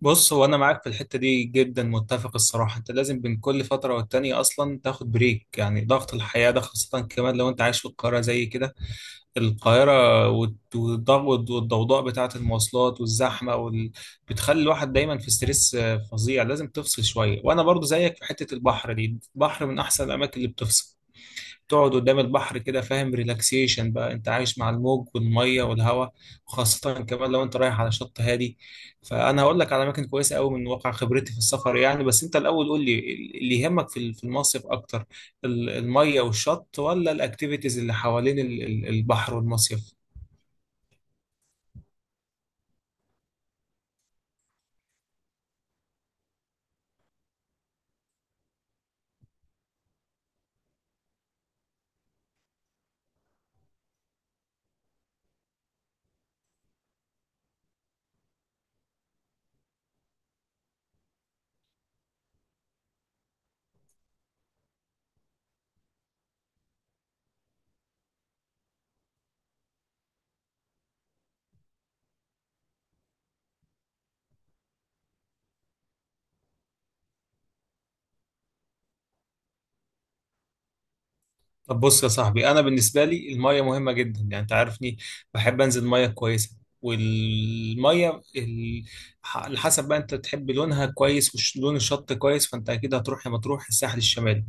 بص، هو انا معاك في الحته دي جدا متفق. الصراحه انت لازم بين كل فتره والتانيه اصلا تاخد بريك. يعني ضغط الحياه ده، خاصه كمان لو انت عايش في القاهره زي كده. القاهره والضغط والضوضاء بتاعه المواصلات والزحمه بتخلي الواحد دايما في ستريس آه، فظيع. لازم تفصل شويه، وانا برضو زيك في حته البحر دي. البحر من احسن الاماكن اللي بتفصل. تقعد قدام البحر كده، فاهم؟ ريلاكسيشن بقى، انت عايش مع الموج والميه والهواء. خاصة كمان لو انت رايح على شط هادي. فانا هقول لك على اماكن كويسة قوي من واقع خبرتي في السفر يعني، بس انت الاول قول لي اللي يهمك في المصيف اكتر، الميه والشط، ولا الاكتيفيتيز اللي حوالين البحر والمصيف؟ طب بص يا صاحبي، انا بالنسبه لي الميه مهمه جدا، يعني انت عارفني. بحب انزل ميه كويسه، والميه على حسب بقى، انت تحب لونها كويس ولون الشط كويس. فانت اكيد هتروح يا مطروح الساحل الشمالي.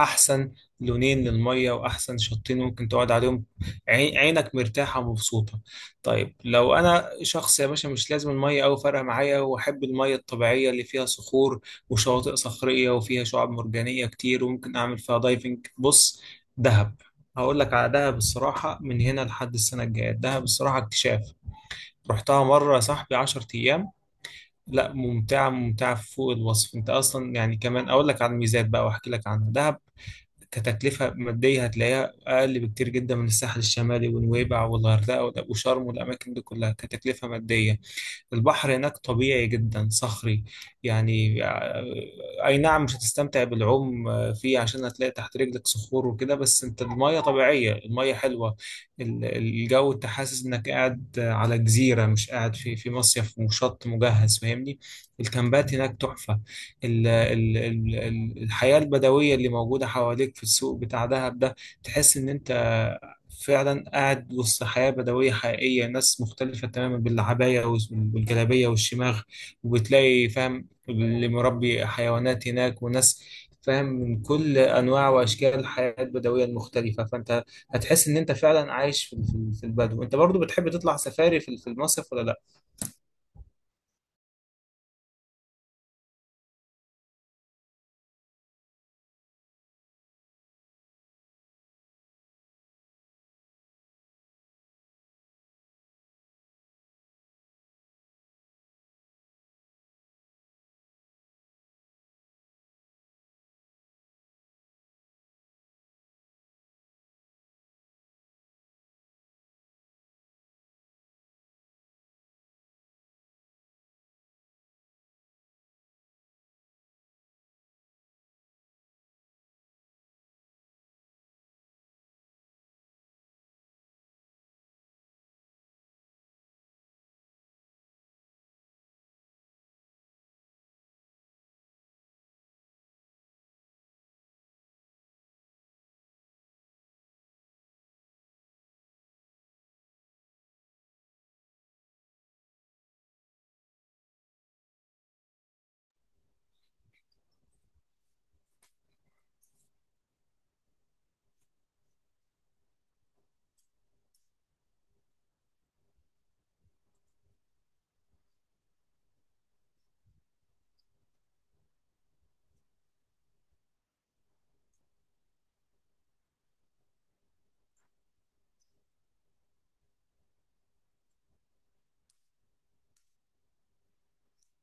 احسن لونين للميه واحسن شطين ممكن تقعد عليهم، عينك مرتاحه ومبسوطه. طيب لو انا شخص يا باشا مش لازم الميه أوي فارقه معايا، واحب الميه الطبيعيه اللي فيها صخور وشواطئ صخريه وفيها شعاب مرجانيه كتير، وممكن اعمل فيها دايفنج، بص، دهب. هقول لك على دهب. الصراحة من هنا لحد السنة الجاية، دهب الصراحة اكتشاف. رحتها مرة يا صاحبي 10 أيام، لا ممتعة ممتعة فوق الوصف. أنت أصلا يعني، كمان أقول لك على الميزات بقى وأحكي لك عنها. دهب كتكلفة مادية هتلاقيها أقل بكتير جدا من الساحل الشمالي ونويبع والغردقة وشرم والأماكن دي كلها كتكلفة مادية. البحر هناك طبيعي جدا، صخري يعني آه، أي نعم مش هتستمتع بالعوم آه، فيه، عشان هتلاقي تحت رجلك صخور وكده. بس أنت المية طبيعية، المية حلوة. الجو أنت حاسس إنك قاعد آه، على جزيرة، مش قاعد في مصيف وشط مجهز، فاهمني؟ الكامبات هناك تحفة. الحياة البدوية اللي موجودة حواليك في السوق بتاع دهب ده، تحس إن أنت فعلا قاعد وسط حياة بدوية حقيقية. ناس مختلفة تماما، بالعباية والجلابية والشماغ. وبتلاقي فاهم اللي مربي حيوانات هناك، وناس فاهم من كل أنواع وأشكال الحياة البدوية المختلفة. فأنت هتحس إن أنت فعلا عايش في البدو. أنت برضو بتحب تطلع سفاري في المصيف ولا لأ؟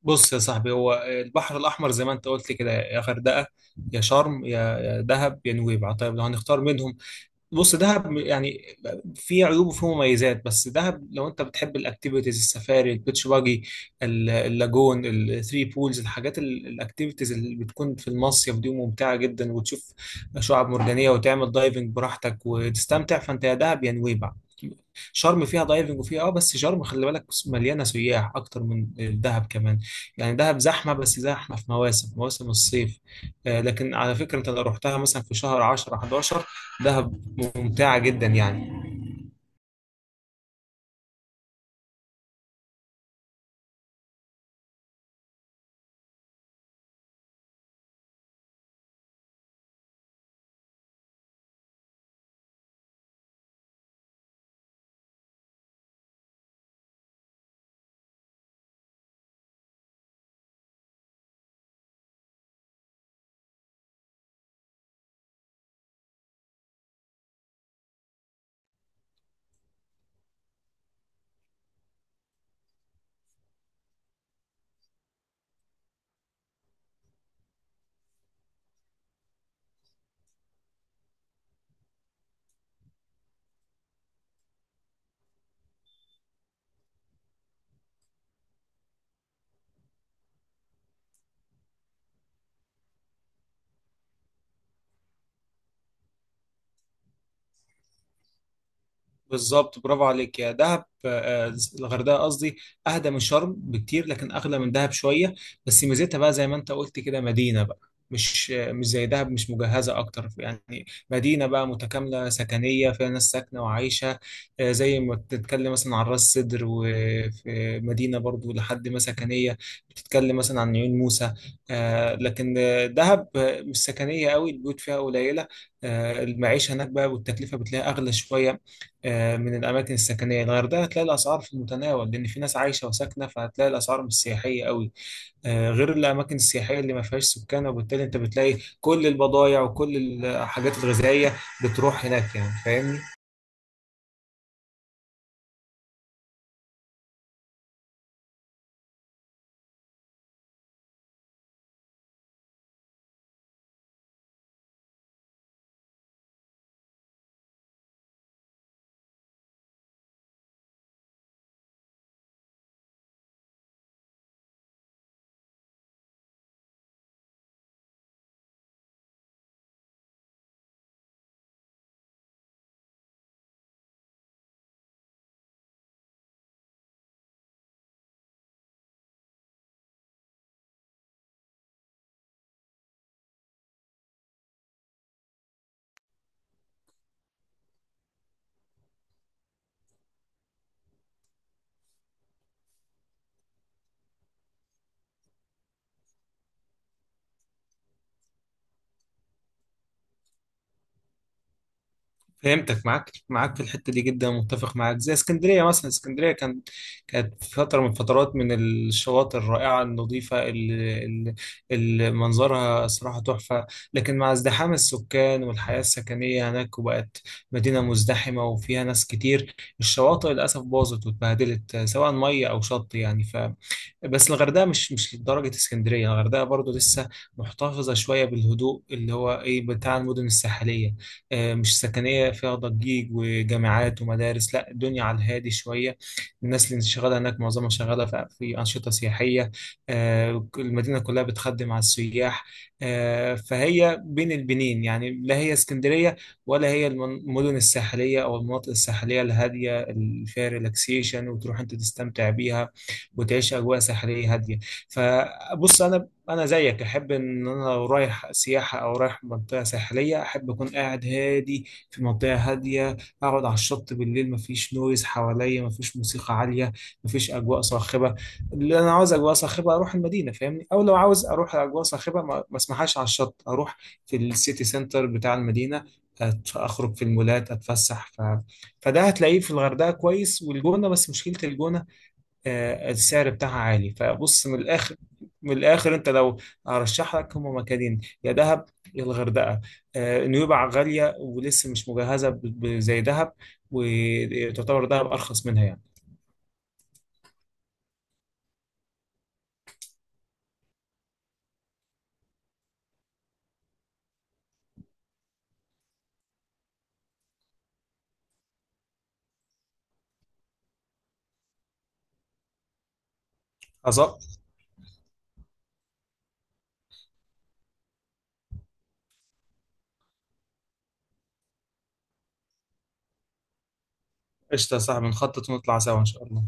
بص يا صاحبي، هو البحر الأحمر زي ما أنت قلت كده، يا غردقة يا شرم يا دهب يا نويبع. طيب لو هنختار منهم، بص دهب يعني، في عيوب وفي مميزات. بس دهب لو انت بتحب الاكتيفيتيز، السفاري، البيتش باجي، اللاجون، الثري بولز، الحاجات الاكتيفيتيز اللي بتكون في المصيف دي، ممتعه جدا. وتشوف شعاب مرجانيه وتعمل دايفنج براحتك وتستمتع. فانت يا دهب يا نويبع. شرم فيها دايفنج وفيها اه، بس شرم خلي بالك مليانه سياح اكتر من دهب كمان. يعني دهب زحمه، بس زحمه في مواسم مواسم الصيف آه، لكن على فكره انت لو رحتها مثلا في شهر 10 11، دهب ممتعة جدا يعني. بالظبط، برافو عليك، يا دهب آه، آه، الغردقه قصدي، اهدى من شرم بكتير لكن اغلى من دهب شويه. بس ميزتها بقى زي ما انت قلت كده، مدينه بقى، مش آه، مش زي دهب، مش مجهزه اكتر يعني. مدينه بقى متكامله سكنيه فيها ناس ساكنه وعايشه. آه، زي ما بتتكلم مثلا عن راس سدر، وفي مدينه برضو لحد ما سكنيه، بتتكلم مثلا عن عيون موسى. آه، لكن آه، دهب آه، مش سكنيه قوي، البيوت فيها قليله. آه، المعيشه هناك بقى، والتكلفه بتلاقيها اغلى شويه آه، من الأماكن السكنية. الغردقة هتلاقي الأسعار في المتناول، لأن في ناس عايشة وساكنة، فهتلاقي الأسعار مش سياحية قوي آه، غير الأماكن السياحية اللي ما فيهاش سكان، وبالتالي أنت بتلاقي كل البضايع وكل الحاجات الغذائية بتروح هناك يعني، فاهمني؟ فهمتك. معاك في الحته دي جدا، متفق معاك. زي اسكندريه مثلا، اسكندريه كانت في فتره من فترات، من الشواطئ الرائعه النظيفه اللي منظرها صراحه تحفه. لكن مع ازدحام السكان والحياه السكنيه هناك، وبقت مدينه مزدحمه وفيها ناس كتير، الشواطئ للاسف باظت واتبهدلت، سواء ميه او شط يعني. بس الغردقه مش لدرجه اسكندريه. الغردقه برضو لسه محتفظه شويه بالهدوء اللي هو ايه بتاع المدن الساحليه. آه، مش سكنيه فيها ضجيج وجامعات ومدارس، لا الدنيا على الهادي شويه. الناس اللي شغاله هناك معظمها شغاله في انشطه سياحيه. آه، المدينه كلها بتخدم على السياح. آه، فهي بين البنين يعني، لا هي اسكندريه ولا هي المدن الساحليه او المناطق الساحليه الهاديه اللي فيها ريلاكسيشن، وتروح انت تستمتع بيها وتعيش اجواء ساحليه هاديه. فبص، انا زيك احب ان انا لو رايح سياحه او رايح منطقه ساحليه احب اكون قاعد هادي في منطقه هاديه. اقعد على الشط بالليل، مفيش نويز حواليا، مفيش موسيقى عاليه، مفيش اجواء صاخبه. اللي انا عاوز اجواء صاخبه اروح المدينه، فاهمني؟ او لو عاوز اروح اجواء صاخبه ما اسمحهاش على الشط، اروح في السيتي سنتر بتاع المدينه، اخرج في المولات اتفسح فده هتلاقيه في الغردقه كويس والجونه. بس مشكله الجونه آه، السعر بتاعها عالي. فبص من الاخر، من الاخر انت لو هرشح لك هم مكانين، يا دهب يا الغردقه. آه، نويبع غاليه ولسه مش مجهزه زي دهب، وتعتبر دهب ارخص منها يعني. خلاص، قشطه يا صاحبي، نخطط ونطلع سوا ان شاء الله.